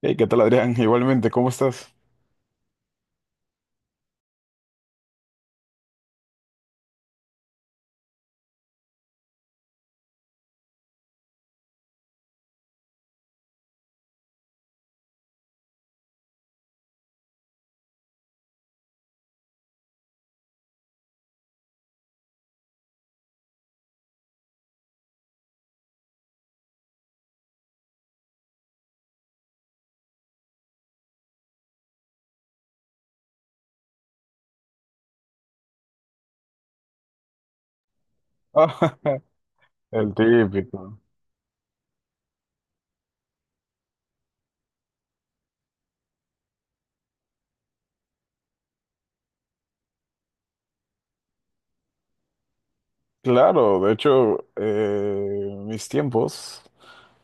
Hey, ¿qué tal, Adrián? Igualmente, ¿cómo estás? Ah, el típico. Claro, de hecho, mis tiempos.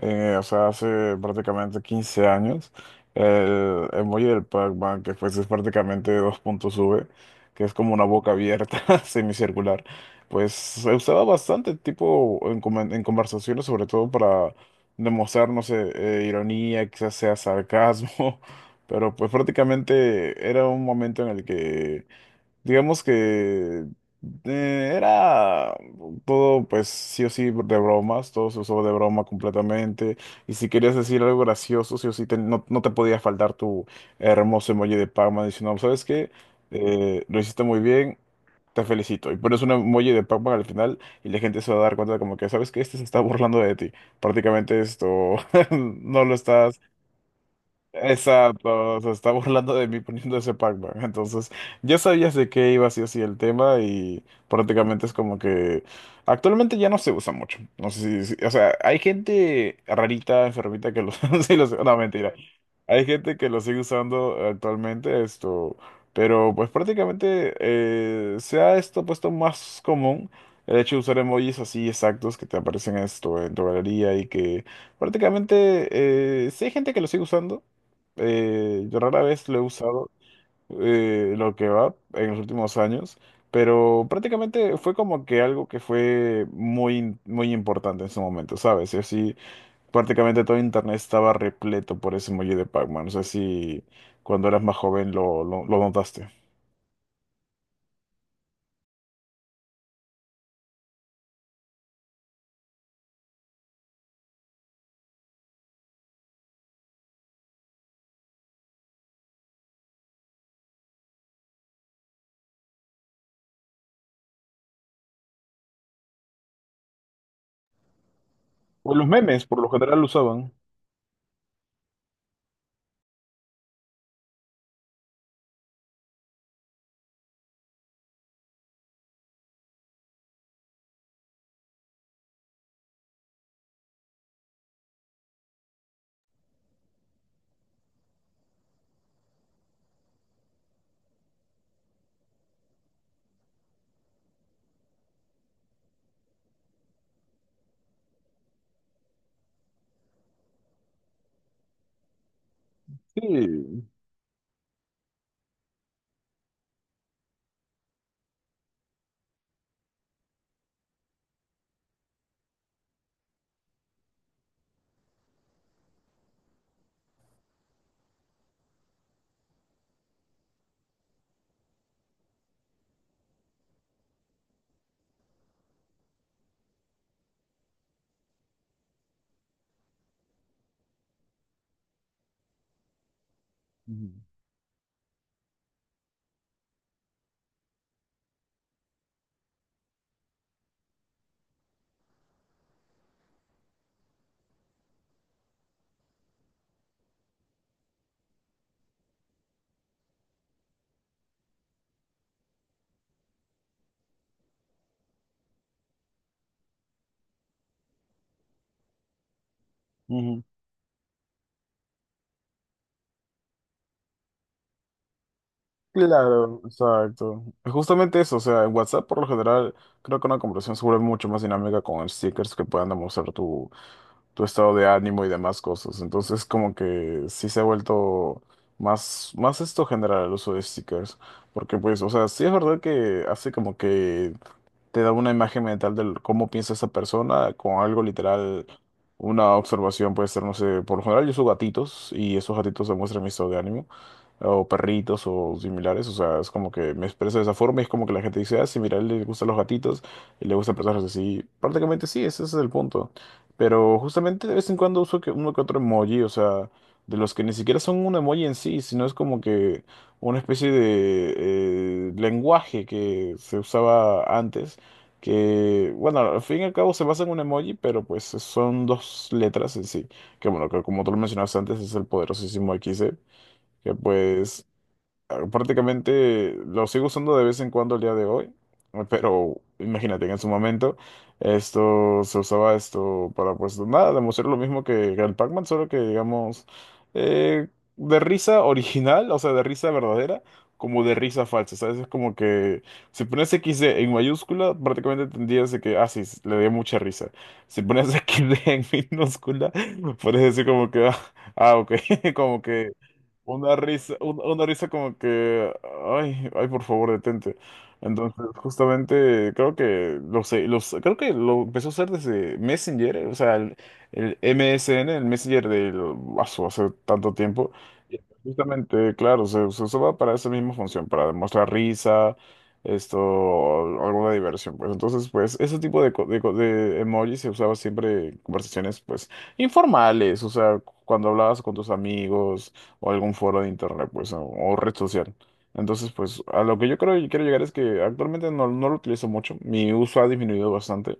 O sea, hace prácticamente 15 años, el emoji del Pac-Man, que pues es prácticamente dos puntos V, que es como una boca abierta, semicircular, pues se usaba bastante tipo en, en conversaciones, sobre todo para demostrar, no sé, ironía, quizás sea sarcasmo, pero pues prácticamente era un momento en el que digamos que era todo, pues sí o sí, de bromas, todo se usó de broma completamente. Y si querías decir algo gracioso, sí o sí, no, no te podía faltar tu hermoso emoji de Pac-Man diciendo, ¿sabes qué? Lo hiciste muy bien, te felicito. Y pones un emoji de Pac-Man al final y la gente se va a dar cuenta de como que, ¿sabes qué? Este se está burlando de ti. Prácticamente esto no lo estás. Exacto, se está burlando de mí poniendo ese Pac-Man. Entonces, ya sabías de qué iba así así el tema y prácticamente es como que actualmente ya no se usa mucho. No sé si, o sea, hay gente rarita, enfermita que lo, sí lo usa. No, mentira. Hay gente que lo sigue usando actualmente esto, pero pues prácticamente se ha esto puesto más común el hecho de usar emojis así exactos que te aparecen esto en tu galería y que prácticamente sí hay gente que lo sigue usando. Yo rara vez lo he usado lo que va en los últimos años, pero prácticamente fue como que algo que fue muy, muy importante en su momento, ¿sabes? Y así prácticamente todo internet estaba repleto por ese emoji de Pac-Man. No sé si cuando eras más joven lo notaste. O los memes, por lo general, lo usaban. Sí. Ujú. Ujú. Claro, exacto. Justamente eso, o sea, en WhatsApp por lo general creo que una conversación se vuelve mucho más dinámica con stickers que puedan demostrar tu estado de ánimo y demás cosas. Entonces, como que sí se ha vuelto más, más esto general el uso de stickers. Porque, pues, o sea, sí es verdad que hace como que te da una imagen mental de cómo piensa esa persona con algo literal, una observación puede ser, no sé, por lo general yo uso gatitos y esos gatitos se muestran mi estado de ánimo, o perritos o similares, o sea, es como que me expreso de esa forma y es como que la gente dice, ah, sí, mira, a él le gustan los gatitos y le gustan personas así, prácticamente sí, ese es el punto, pero justamente de vez en cuando uso que uno que otro emoji, o sea, de los que ni siquiera son un emoji en sí, sino es como que una especie de lenguaje que se usaba antes que, bueno, al fin y al cabo se basa en un emoji, pero pues son dos letras en sí, que bueno, que como tú lo mencionabas antes, es el poderosísimo XD, que pues ah, prácticamente lo sigo usando de vez en cuando el día de hoy, pero imagínate que en su momento esto se usaba esto para pues nada, demostrar lo mismo que el Pac-Man, solo que digamos eh, de risa original, o sea, de risa verdadera, como de risa falsa, ¿sabes? Es como que si pones XD en mayúscula, prácticamente entendías de que, ah, sí, le dio mucha risa. Si pones XD en minúscula, puedes decir como que, ah, ah, ok, como que... una risa, una risa como que, ay, ay, por favor, detente. Entonces, justamente, creo que, lo sé, los, creo que lo empezó a hacer desde Messenger, o sea, el MSN, el Messenger del, hace tanto tiempo. Y justamente, claro, se usaba para esa misma función, para demostrar risa, esto, o alguna diversión, pues. Entonces, pues, ese tipo de, de emojis se usaba siempre en conversaciones, pues, informales, o sea, cuando hablabas con tus amigos o algún foro de internet, pues, o red social. Entonces, pues, a lo que yo creo y quiero llegar es que actualmente no, no lo utilizo mucho. Mi uso ha disminuido bastante.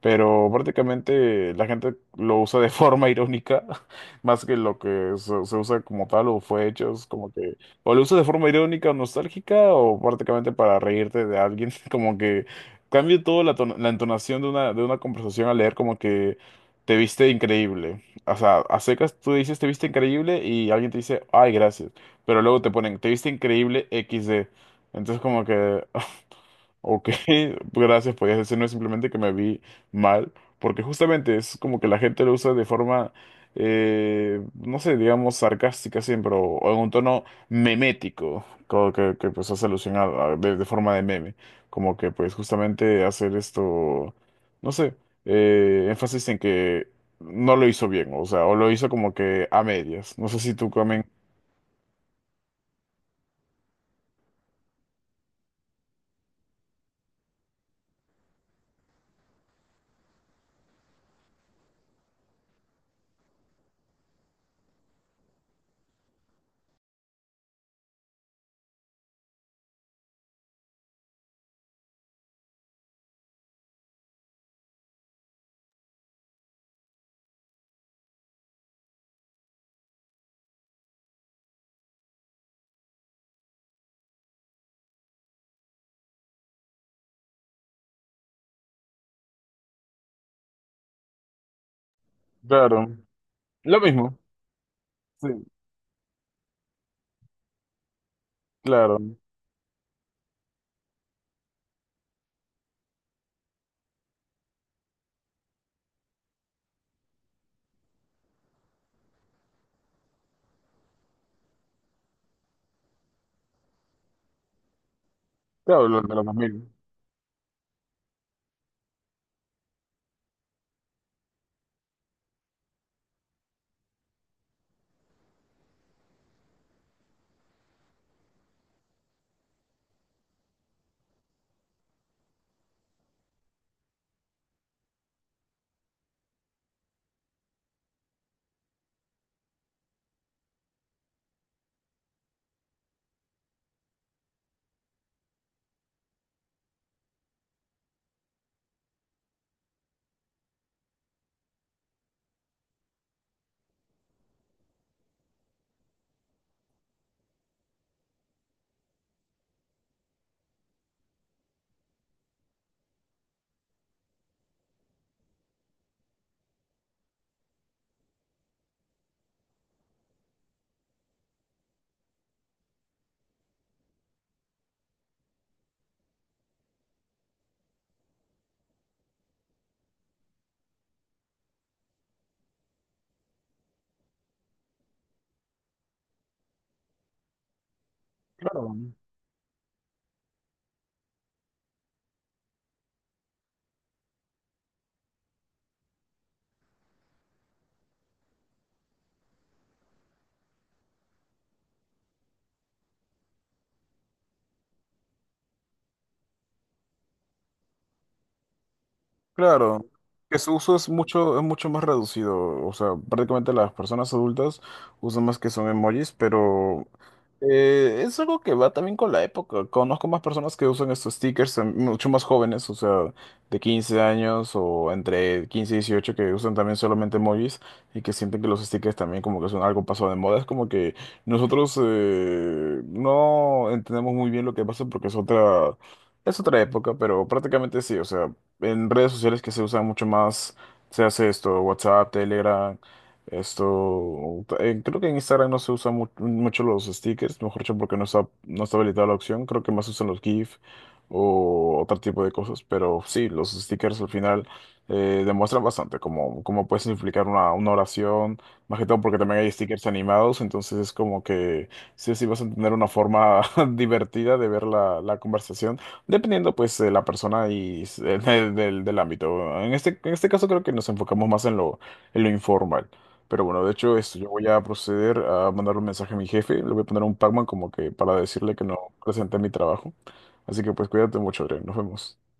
Pero prácticamente la gente lo usa de forma irónica, más que lo que se usa como tal o fue hecho. Es como que o lo usas de forma irónica o nostálgica o prácticamente para reírte de alguien. Como que cambia toda la, la entonación de una conversación al leer como que te viste increíble. O sea, a secas tú dices te viste increíble y alguien te dice, ay, gracias. Pero luego te ponen, te viste increíble equis de. Entonces como que... ok, gracias, podías decir, no es simplemente que me vi mal, porque justamente es como que la gente lo usa de forma, no sé, digamos sarcástica siempre, o en un tono memético, como que, pues hace alusión de forma de meme, como que pues justamente hacer esto, no sé, énfasis en que no lo hizo bien, o sea, o lo hizo como que a medias, no sé si tú también, claro, lo mismo, sí, claro, claro, lo de los dos mil claro. Claro, que su uso es mucho más reducido. O sea, prácticamente las personas adultas usan más que son emojis, pero es algo que va también con la época. Conozco más personas que usan estos stickers, mucho más jóvenes, o sea, de 15 años o entre 15 y 18 que usan también solamente emojis y que sienten que los stickers también como que son algo pasado de moda. Es como que nosotros no entendemos muy bien lo que pasa porque es otra... Es otra época, pero prácticamente sí, o sea, en redes sociales que se usan mucho más, se hace esto, WhatsApp, Telegram, esto, creo que en Instagram no se usan mucho los stickers, mejor dicho, porque no está, no está habilitada la opción, creo que más usan los GIF o otro tipo de cosas, pero sí, los stickers al final demuestran bastante cómo, cómo puedes implicar una oración, más que todo porque también hay stickers animados, entonces es como que sí, sí vas a tener una forma divertida de ver la, la conversación. Dependiendo pues de la persona y del, del ámbito. En este caso creo que nos enfocamos más en lo informal. Pero bueno, de hecho esto, yo voy a proceder a mandar un mensaje a mi jefe. Le voy a poner un Pac-Man como que para decirle que no presenté mi trabajo. Así que pues cuídate mucho, Adrián. Nos vemos.